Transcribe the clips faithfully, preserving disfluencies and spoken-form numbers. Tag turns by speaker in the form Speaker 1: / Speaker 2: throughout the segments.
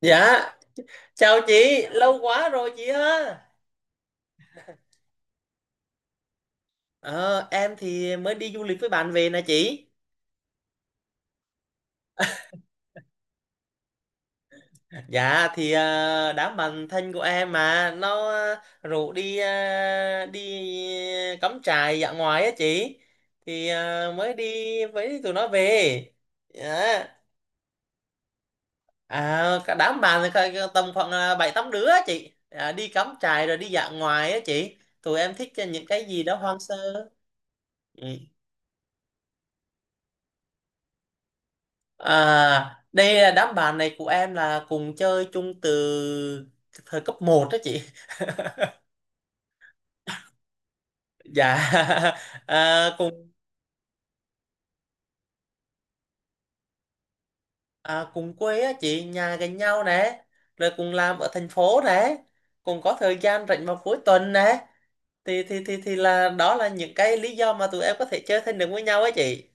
Speaker 1: Dạ, chào chị, lâu quá rồi chị ha. Ờ, em thì mới đi du lịch với bạn về nè chị. Dạ thì à, đám bạn thân của em mà nó à, rủ đi à, đi cắm trại dã ngoại á chị. Thì à, mới đi với tụi nó về. Dạ. À, cả đám bạn thì cả- cả tầm khoảng à, bảy tám đứa á chị. À, đi cắm trại rồi đi dã ngoại á chị. Tụi em thích những cái gì đó hoang sơ. Ừ. À, đây là đám bạn này của em là cùng chơi chung từ thời cấp một đó chị. Dạ. À, cùng à, cùng quê á chị, nhà gần nhau nè, rồi cùng làm ở thành phố nè, cùng có thời gian rảnh vào cuối tuần nè. Thì thì thì thì là đó là những cái lý do mà tụi em có thể chơi thân được với nhau á chị.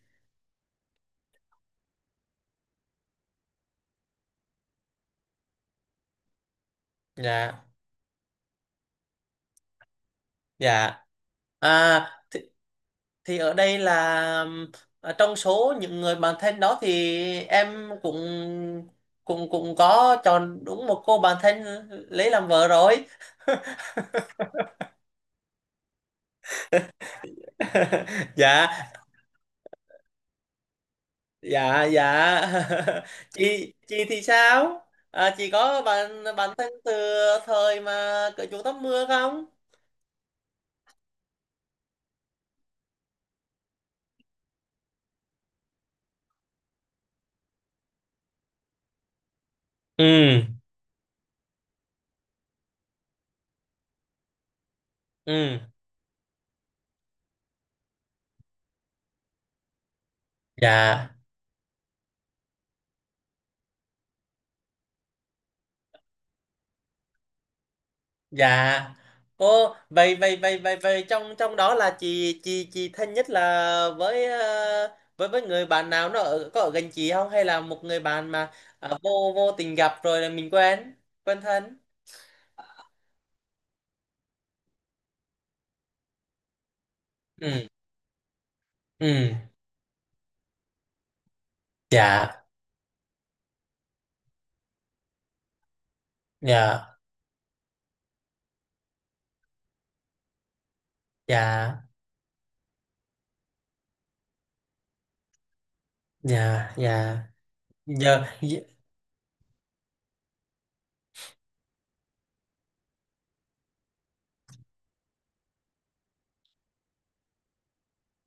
Speaker 1: Dạ. Dạ. À thì ở đây là ờ, trong số những người bạn thân đó thì em cũng cũng cũng có chọn đúng một cô bạn thân lấy làm vợ rồi. Dạ, dạ, dạ. chị chị thì sao? À, chị có bạn bạn thân từ thời mà cởi chuồng tắm mưa không? Ừ, ừ. Dạ, dạ. Ô, vậy vậy vậy vậy vậy trong trong đó là chị chị chị thân nhất là với ờ, với với người bạn nào nó ở có ở gần chị không, hay là một người bạn mà ờ, vô vô tình gặp rồi là mình quen, quen thân? Ừ, ừ. Dạ, dạ, dạ, dạ, dạ giờ. Dạ,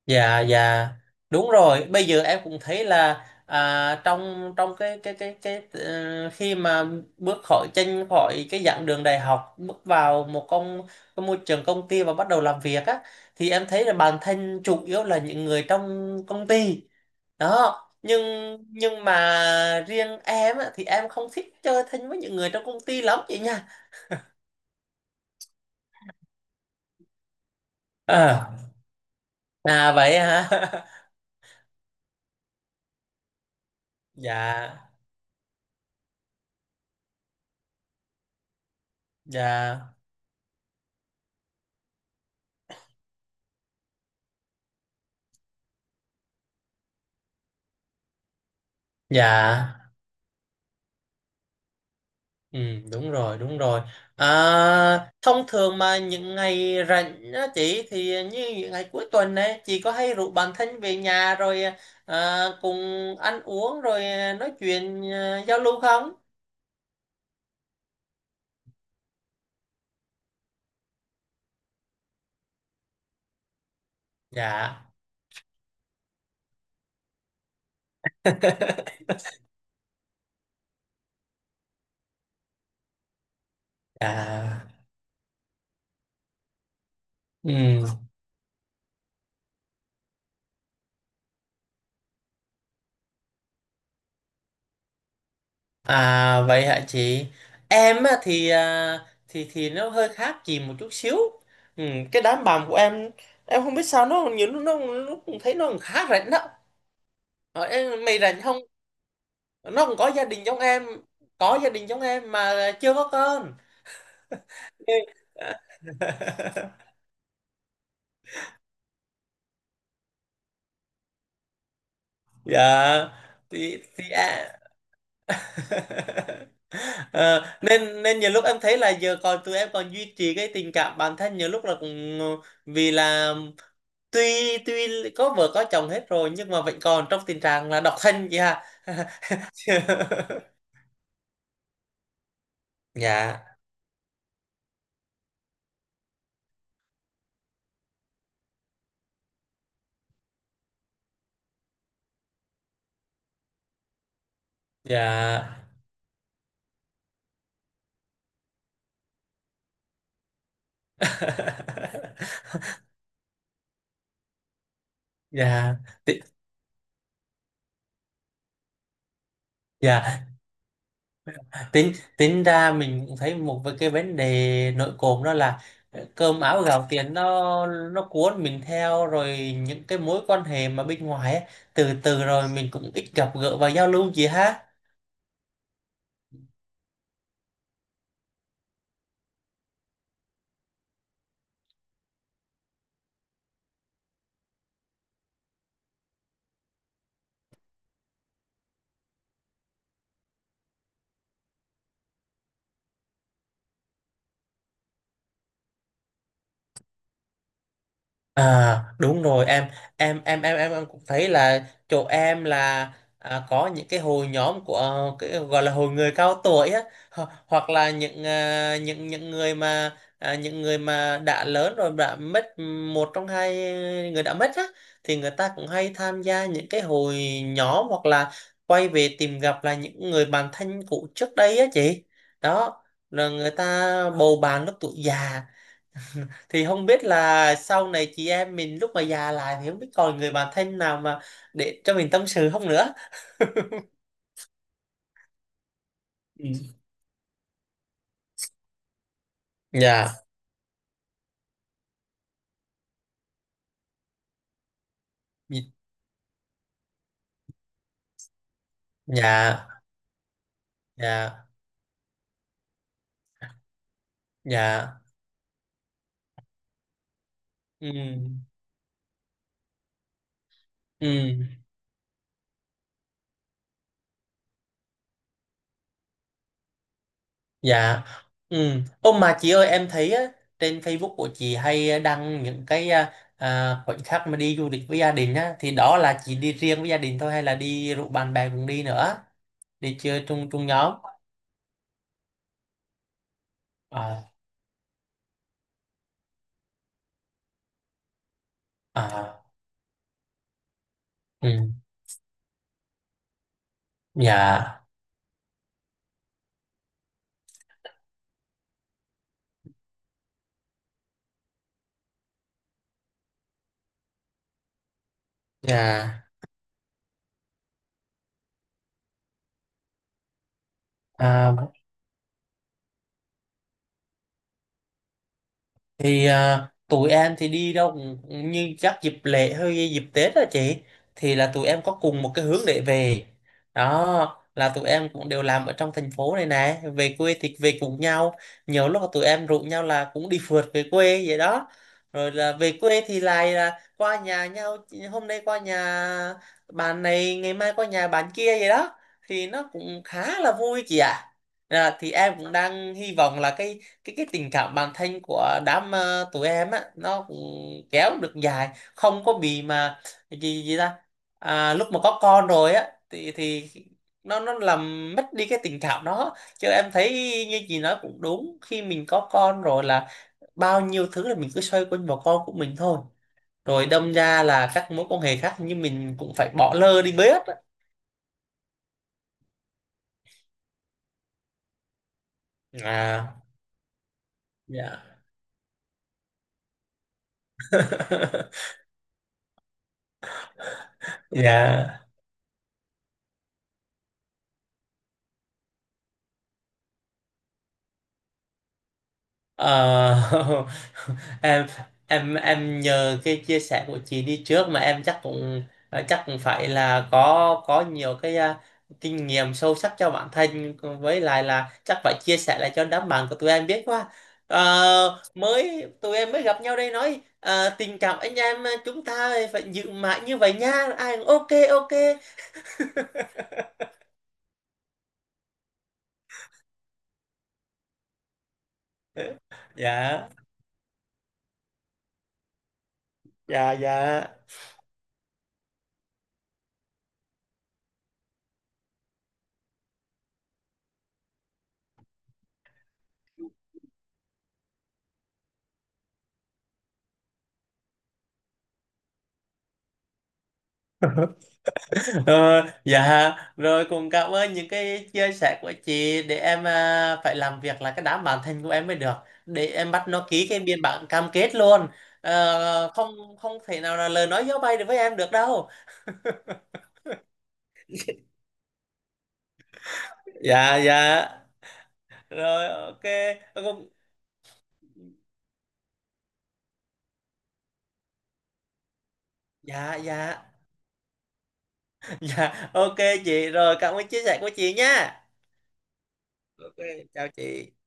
Speaker 1: dạ. dạ đúng rồi, bây giờ em cũng thấy là à, trong trong cái cái cái cái ờ, khi mà bước khỏi chân khỏi cái giảng đường đại học, bước vào một công cái môi trường công ty và bắt đầu làm việc á, thì em thấy là bản thân chủ yếu là những người trong công ty đó, nhưng nhưng mà riêng em á, thì em không thích chơi thân với những người trong công ty lắm chị nha. À, à vậy hả? Dạ, dạ, dạ. Ừ, đúng rồi, đúng rồi. À, thông thường mà những ngày rảnh á chị, thì như những ngày cuối tuần ấy, chị có hay rủ bạn thân về nhà rồi à, cùng ăn uống, rồi à, nói chuyện, à, giao lưu không? Dạ. À, ừ. À, vậy hả chị? Em á, thì à, thì thì nó hơi khác chị một chút xíu. Ừ, cái đám bạn của em em không biết sao nó nhiều lúc nó nó cũng thấy nó khá rảnh đó. Ờ, em, mày rảnh không? Nó còn có gia đình giống em. Có gia đình giống em mà chưa có con. Dạ. thì thì à. Ờ, nên nên nhiều lúc em thấy là giờ còn tụi em còn duy trì cái tình cảm bản thân, nhiều lúc là cũng vì là tuy tuy có vợ có chồng hết rồi nhưng mà vẫn còn trong tình trạng là độc thân chị ha. Dạ, dạ. Dạ. Thì- dạ. Tính tính ra mình cũng thấy một cái vấn đề nội cộm đó là ờ, cơm áo gạo tiền nó nó cuốn mình theo rồi, những cái mối quan hệ mà bên ngoài ấy, từ từ rồi mình cũng ít gặp gỡ và giao lưu gì ha. À, đúng rồi em em em em em em cũng thấy là chỗ em là à, có những cái hội nhóm của ờ, cái gọi là hội người cao tuổi á, ho- hoặc là những à, những những người mà à, những người mà đã lớn rồi đã mất, một trong hai người đã mất á, thì người ta cũng hay tham gia những cái hội nhóm, hoặc là quay về tìm gặp là những người bạn thân cũ trước đây á chị. Đó là người ta bầu bạn lúc tuổi già. Thì không biết là sau này chị em mình lúc mà già lại thì không biết còn người bạn thân nào mà để cho mình tâm sự không nữa. Ừ. Dạ. Nhị- dạ, dạ, dạ. Ừ, ừ. Dạ, ừ. Ô mà chị ơi, em thấy á, trên Facebook của chị hay đăng những cái à, à, khoảnh khắc mà đi du lịch với gia đình á, thì đó là chị đi riêng với gia đình thôi hay là đi rủ bạn bè cùng đi nữa, đi chơi chung, chung nhóm? À, à, ừ. Dạ, dạ, à. Thì à, tụi em thì đi đâu cũng, cũng như các dịp lễ hay dịp Tết đó chị, thì là tụi em có cùng một cái hướng để về. Đó là tụi em cũng đều làm ở trong thành phố này nè, về quê thì về cùng nhau, nhiều lúc là tụi em rủ nhau là cũng đi phượt về quê vậy đó. Rồi là về quê thì lại là qua nhà nhau, hôm nay qua nhà bạn này, ngày mai qua nhà bạn kia vậy đó, thì nó cũng khá là vui chị ạ. À, thì em cũng đang hy vọng là cái cái cái tình cảm bản thân của đám ờ, tụi em á nó cũng kéo được dài, không có bị mà gì gì ta, à, lúc mà có con rồi á thì thì nó nó làm mất đi cái tình cảm đó. Chứ em thấy như chị nói cũng đúng, khi mình có con rồi là bao nhiêu thứ là mình cứ xoay quanh vào con của mình thôi, rồi đâm ra là các mối quan hệ khác như mình cũng phải bỏ lơ đi bớt á. À. Dạ. Dạ. Ờ. em em em nhờ cái chia sẻ của chị đi trước mà em chắc cũng, ờ, chắc cũng phải là có, có nhiều cái à, kinh nghiệm sâu sắc cho bản thân, với lại là chắc phải chia sẻ lại cho đám bạn của tụi em biết quá. Ờ, mới tụi em mới gặp nhau đây nói à, tình cảm anh em, ờ, chúng ta phải giữ mãi như vậy nha. Ai cũng ok, ok. Dạ, dạ, dạ. Ờ, dạ rồi, cũng cảm ơn những cái chia sẻ của chị để em à, phải làm việc là cái đám bản thân của em mới được, để em bắt nó ký cái biên bản cam kết luôn. Ờ, không không thể nào là lời nói gió bay được với em được đâu. Dạ, dạ rồi, ok. Ờ, không- dạ, dạ. Dạ, ok chị. Rồi cảm ơn chia sẻ của chị nha. Ok, chào chị.